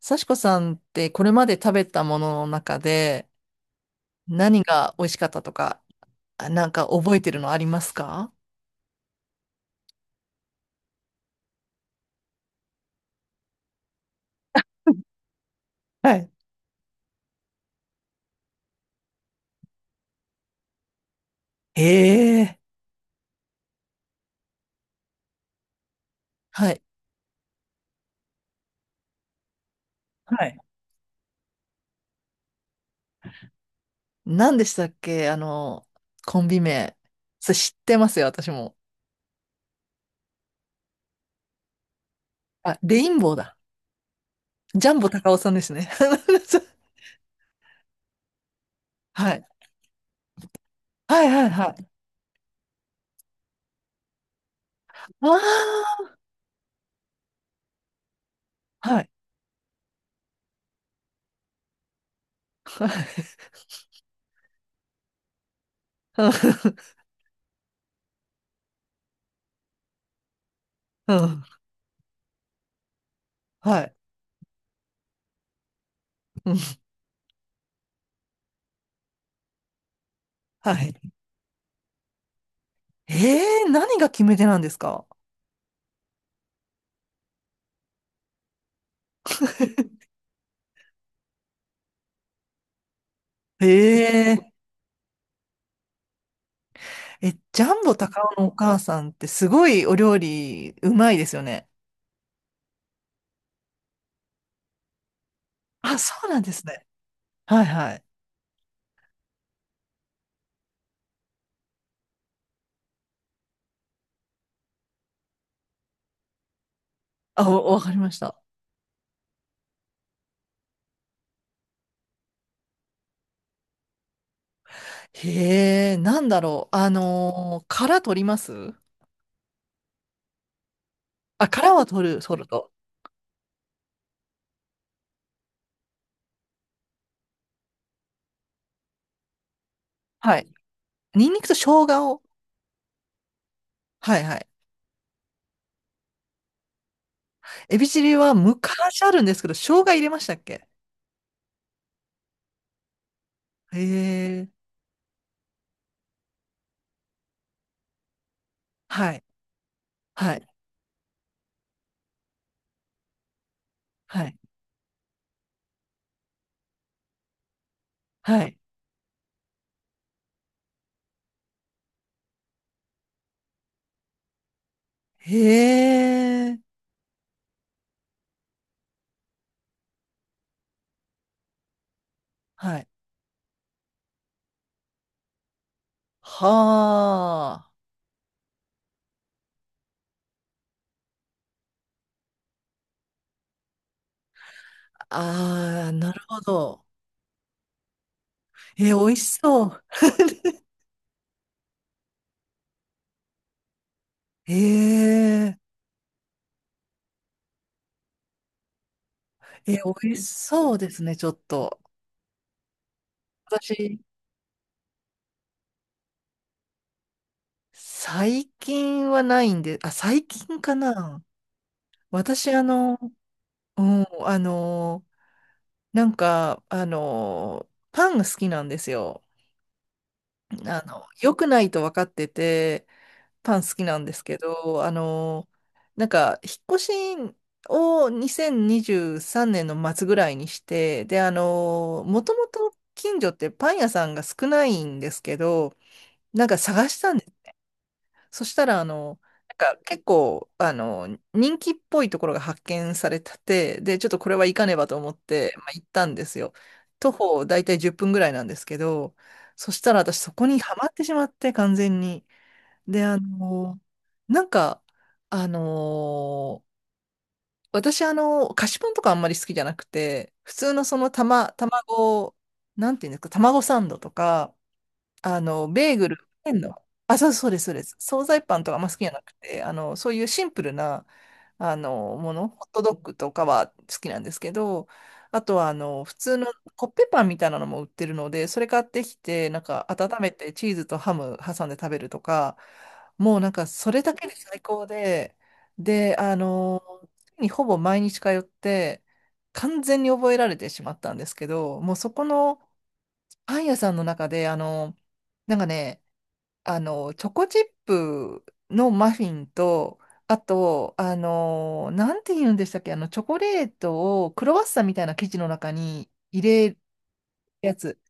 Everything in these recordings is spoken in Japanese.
幸子さんって、これまで食べたものの中で何が美味しかったとか、なんか覚えてるのありますか？はい。ええ。はい。はい。何でしたっけ、コンビ名。それ知ってますよ、私も。あ、レインボーだ。ジャンボ高尾さんですね。はい。はいはいはい。ああ、はい。はい。うん、はい。うん、はい。ええ、何が決め手なんですか？ え。ええ、ジャンボ高尾のお母さんってすごいお料理うまいですよね。あ、そうなんですね。はいはい。あ、わかりました。へえ、なんだろう。殻取ります？あ、殻は取る、取ると。はい。ニンニクと生姜を。はいはい。エビチリは昔あるんですけど、生姜入れましたっけ？へえ。はい、はい、はい、はい。へえ、はい。はあ。ああ、なるほど。えー、美味しそう。え。ええ、美味しそうですね、ちょっと。私、最近はないんで、あ、最近かな。私、うん、あの、パンが好きなんですよ。良くないと分かってて、パン好きなんですけど、引っ越しを2023年の末ぐらいにして、で、もともと近所ってパン屋さんが少ないんですけど、なんか探したんです。そしたら、結構、人気っぽいところが発見されてて、で、ちょっとこれは行かねばと思って、まあ、行ったんですよ。徒歩大体10分ぐらいなんですけど、そしたら私そこにはまってしまって、完全に。で、なんか、あの、私、菓子パンとかあんまり好きじゃなくて、普通のその卵、なんていうんですか、卵サンドとか、ベーグル、ペンの、あ、そうそうです、そうです。惣菜パンとかあんま好きじゃなくて、そういうシンプルな、ホットドッグとかは好きなんですけど、あとは、普通のコッペパンみたいなのも売ってるので、それ買ってきて、なんか温めてチーズとハム挟んで食べるとか、もうなんかそれだけで最高で、で、月にほぼ毎日通って、完全に覚えられてしまったんですけど、もうそこの、パン屋さんの中で、なんかね、チョコチップのマフィンと、あと、なんて言うんでしたっけ、チョコレートをクロワッサンみたいな生地の中に入れるやつ、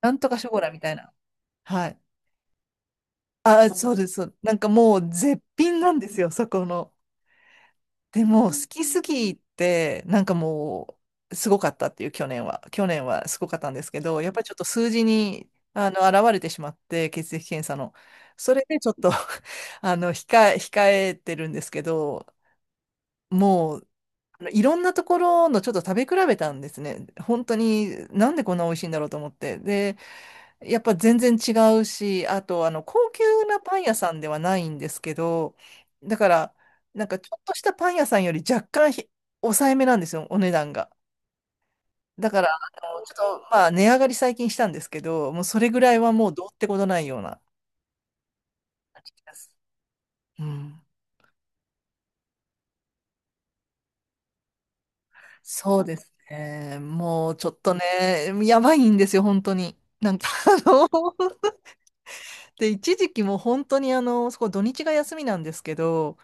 なんとかショコラみたいな。はい。あ、そうです。そう、なんかもう絶品なんですよ、そこの。でも、好きすぎて、なんかもう、すごかったっていう、去年は。去年はすごかったんですけど、やっぱりちょっと数字に、現れてしまって、血液検査の。それでちょっと 控えてるんですけど、もう、いろんなところのちょっと食べ比べたんですね。本当に、なんでこんな美味しいんだろうと思って。で、やっぱ全然違うし、あと、高級なパン屋さんではないんですけど、だから、なんかちょっとしたパン屋さんより若干抑えめなんですよ、お値段が。だから、ちょっと、まあ、値上がり最近したんですけど、もうそれぐらいはもうどうってことないような感じです。うん。そうですね。もうちょっとね、やばいんですよ、本当に。で、一時期もう本当にそこ土日が休みなんですけど、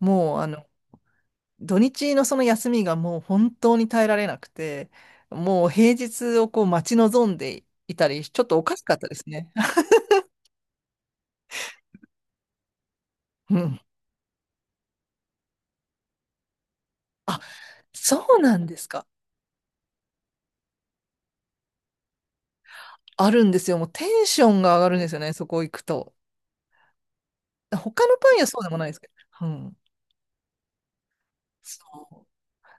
もう土日のその休みがもう本当に耐えられなくて、もう平日をこう待ち望んでいたり、ちょっとおかしかったですね。うん。あ、そうなんですか。あるんですよ。もうテンションが上がるんですよね、そこ行くと。他のパン屋そうでもないですけど。うん。そう、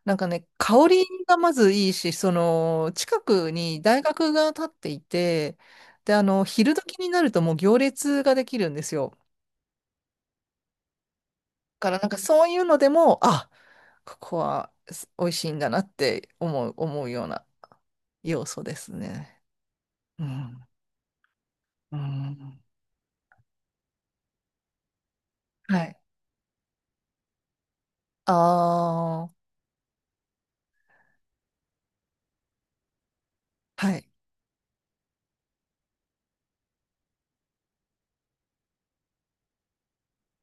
なんかね、香りがまずいいし、その、近くに大学が建っていて、で、昼時になるともう行列ができるんですよ。だからなんかそういうのでも、あ、ここは美味しいんだなって思うような要素ですね。うん。うん。はい。ああ、はい。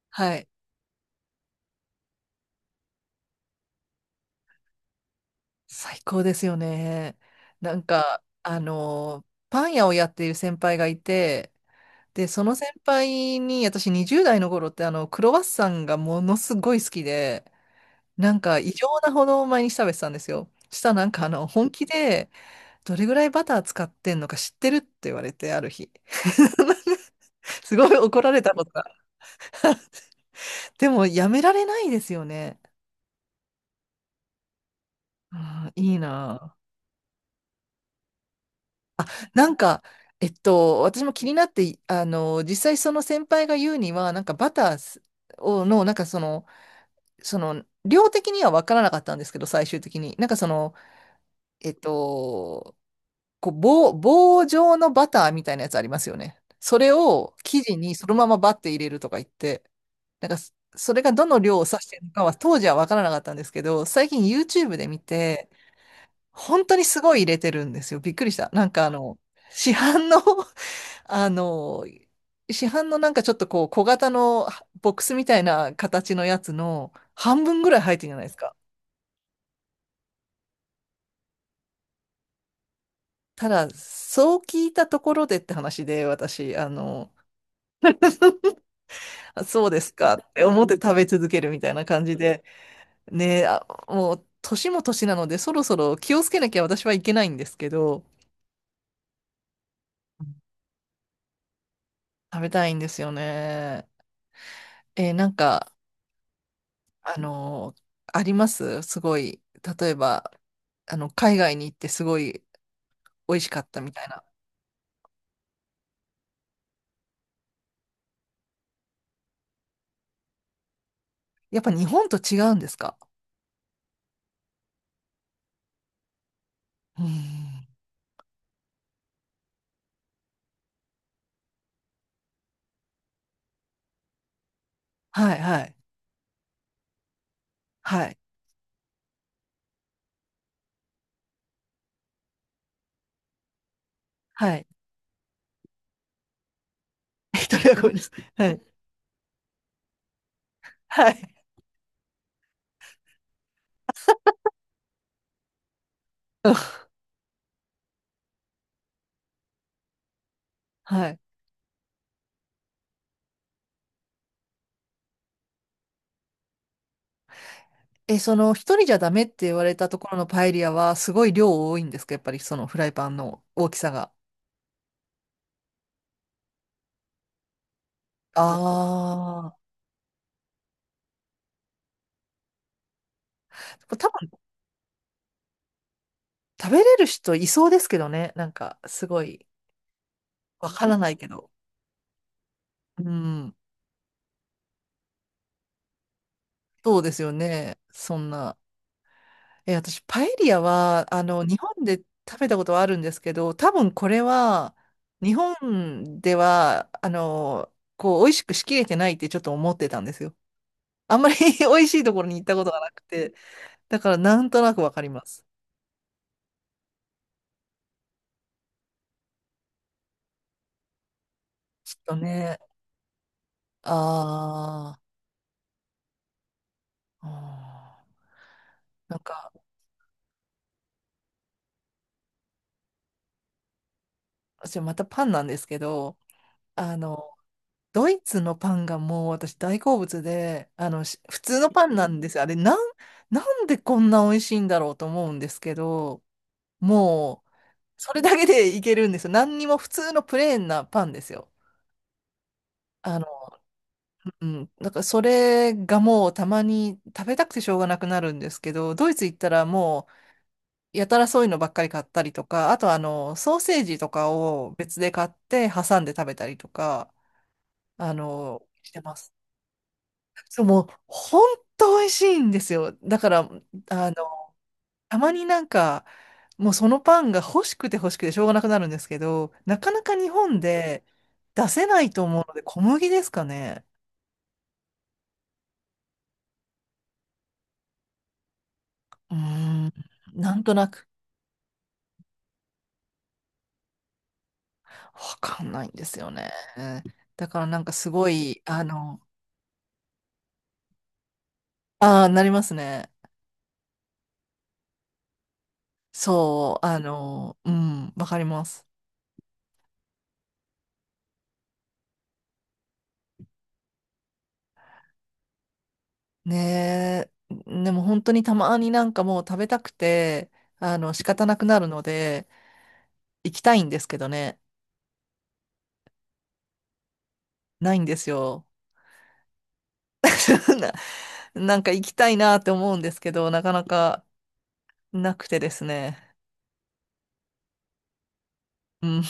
はい。最高ですよね。なんか、あの、パン屋をやっている先輩がいて、で、その先輩に、私20代の頃って、クロワッサンがものすごい好きで、なんか異常なほど毎日食べてたんですよ。したらなんか、本気で、どれぐらいバター使ってんのか知ってるって言われて、ある日。すごい怒られたことが。でも、やめられないですよね。あーいいなあ。なんか、私も気になって、実際その先輩が言うには、なんかバターなんかその、量的には分からなかったんですけど、最終的に。なんかその、えっと、こう棒状のバターみたいなやつありますよね。それを生地にそのままバッて入れるとか言って、それがどの量を指してるのかは当時は分からなかったんですけど、最近 YouTube で見て、本当にすごい入れてるんですよ。びっくりした。市販の あの、市販のなんかちょっとこう小型のボックスみたいな形のやつの半分ぐらい入ってるじゃないですか。ただ、そう聞いたところでって話で、私、あそうですかって思って食べ続けるみたいな感じで、ね、あ、もう年も年なのでそろそろ気をつけなきゃ私はいけないんですけど、食べたいんですよね。えーなんか、あのーありますすごい、例えば、海外に行ってすごい美味しかったみたいな。やっぱ日本と違うんですか？うん。はい、はい、はい、はい。一人はごめんなさい。はい、はい。うん、はい。え、その、一人じゃダメって言われたところのパエリアは、すごい量多いんですか、やっぱりそのフライパンの大きさが？ああ、多分食べれる人いそうですけどね。なんか、すごい、わからないけど。うん、そうですよね。そんな。え、私、パエリアは、日本で食べたことはあるんですけど、多分これは、日本では、こう、美味しくしきれてないってちょっと思ってたんですよ。あんまり 美味しいところに行ったことがなくて。だからなんとなくわかります。ちょっとね、あーあなんか、私またパンなんですけど、あの、ドイツのパンがもう私大好物で、普通のパンなんですよ。あれ、なんでこんな美味しいんだろうと思うんですけど、もう、それだけでいけるんですよ。何にも普通のプレーンなパンですよ。あの、うん、だからそれがもうたまに食べたくてしょうがなくなるんですけど、ドイツ行ったらもう、やたらそういうのばっかり買ったりとか、あとソーセージとかを別で買って挟んで食べたりとか、してます。そう、もう、ほんと美味しいんですよ。だから、あの、たまになんか、もうそのパンが欲しくて欲しくてしょうがなくなるんですけど、なかなか日本で出せないと思うので、小麦ですかね？うーん、なんとなく、わかんないんですよね。だからなんかすごい、ああ、なりますね。そう、うん、わかります。ねえ、でも本当にたまになんかもう食べたくて、仕方なくなるので、行きたいんですけどね、ないんですよ。なんか行きたいなって思うんですけど、なかなかなくてですね。うん。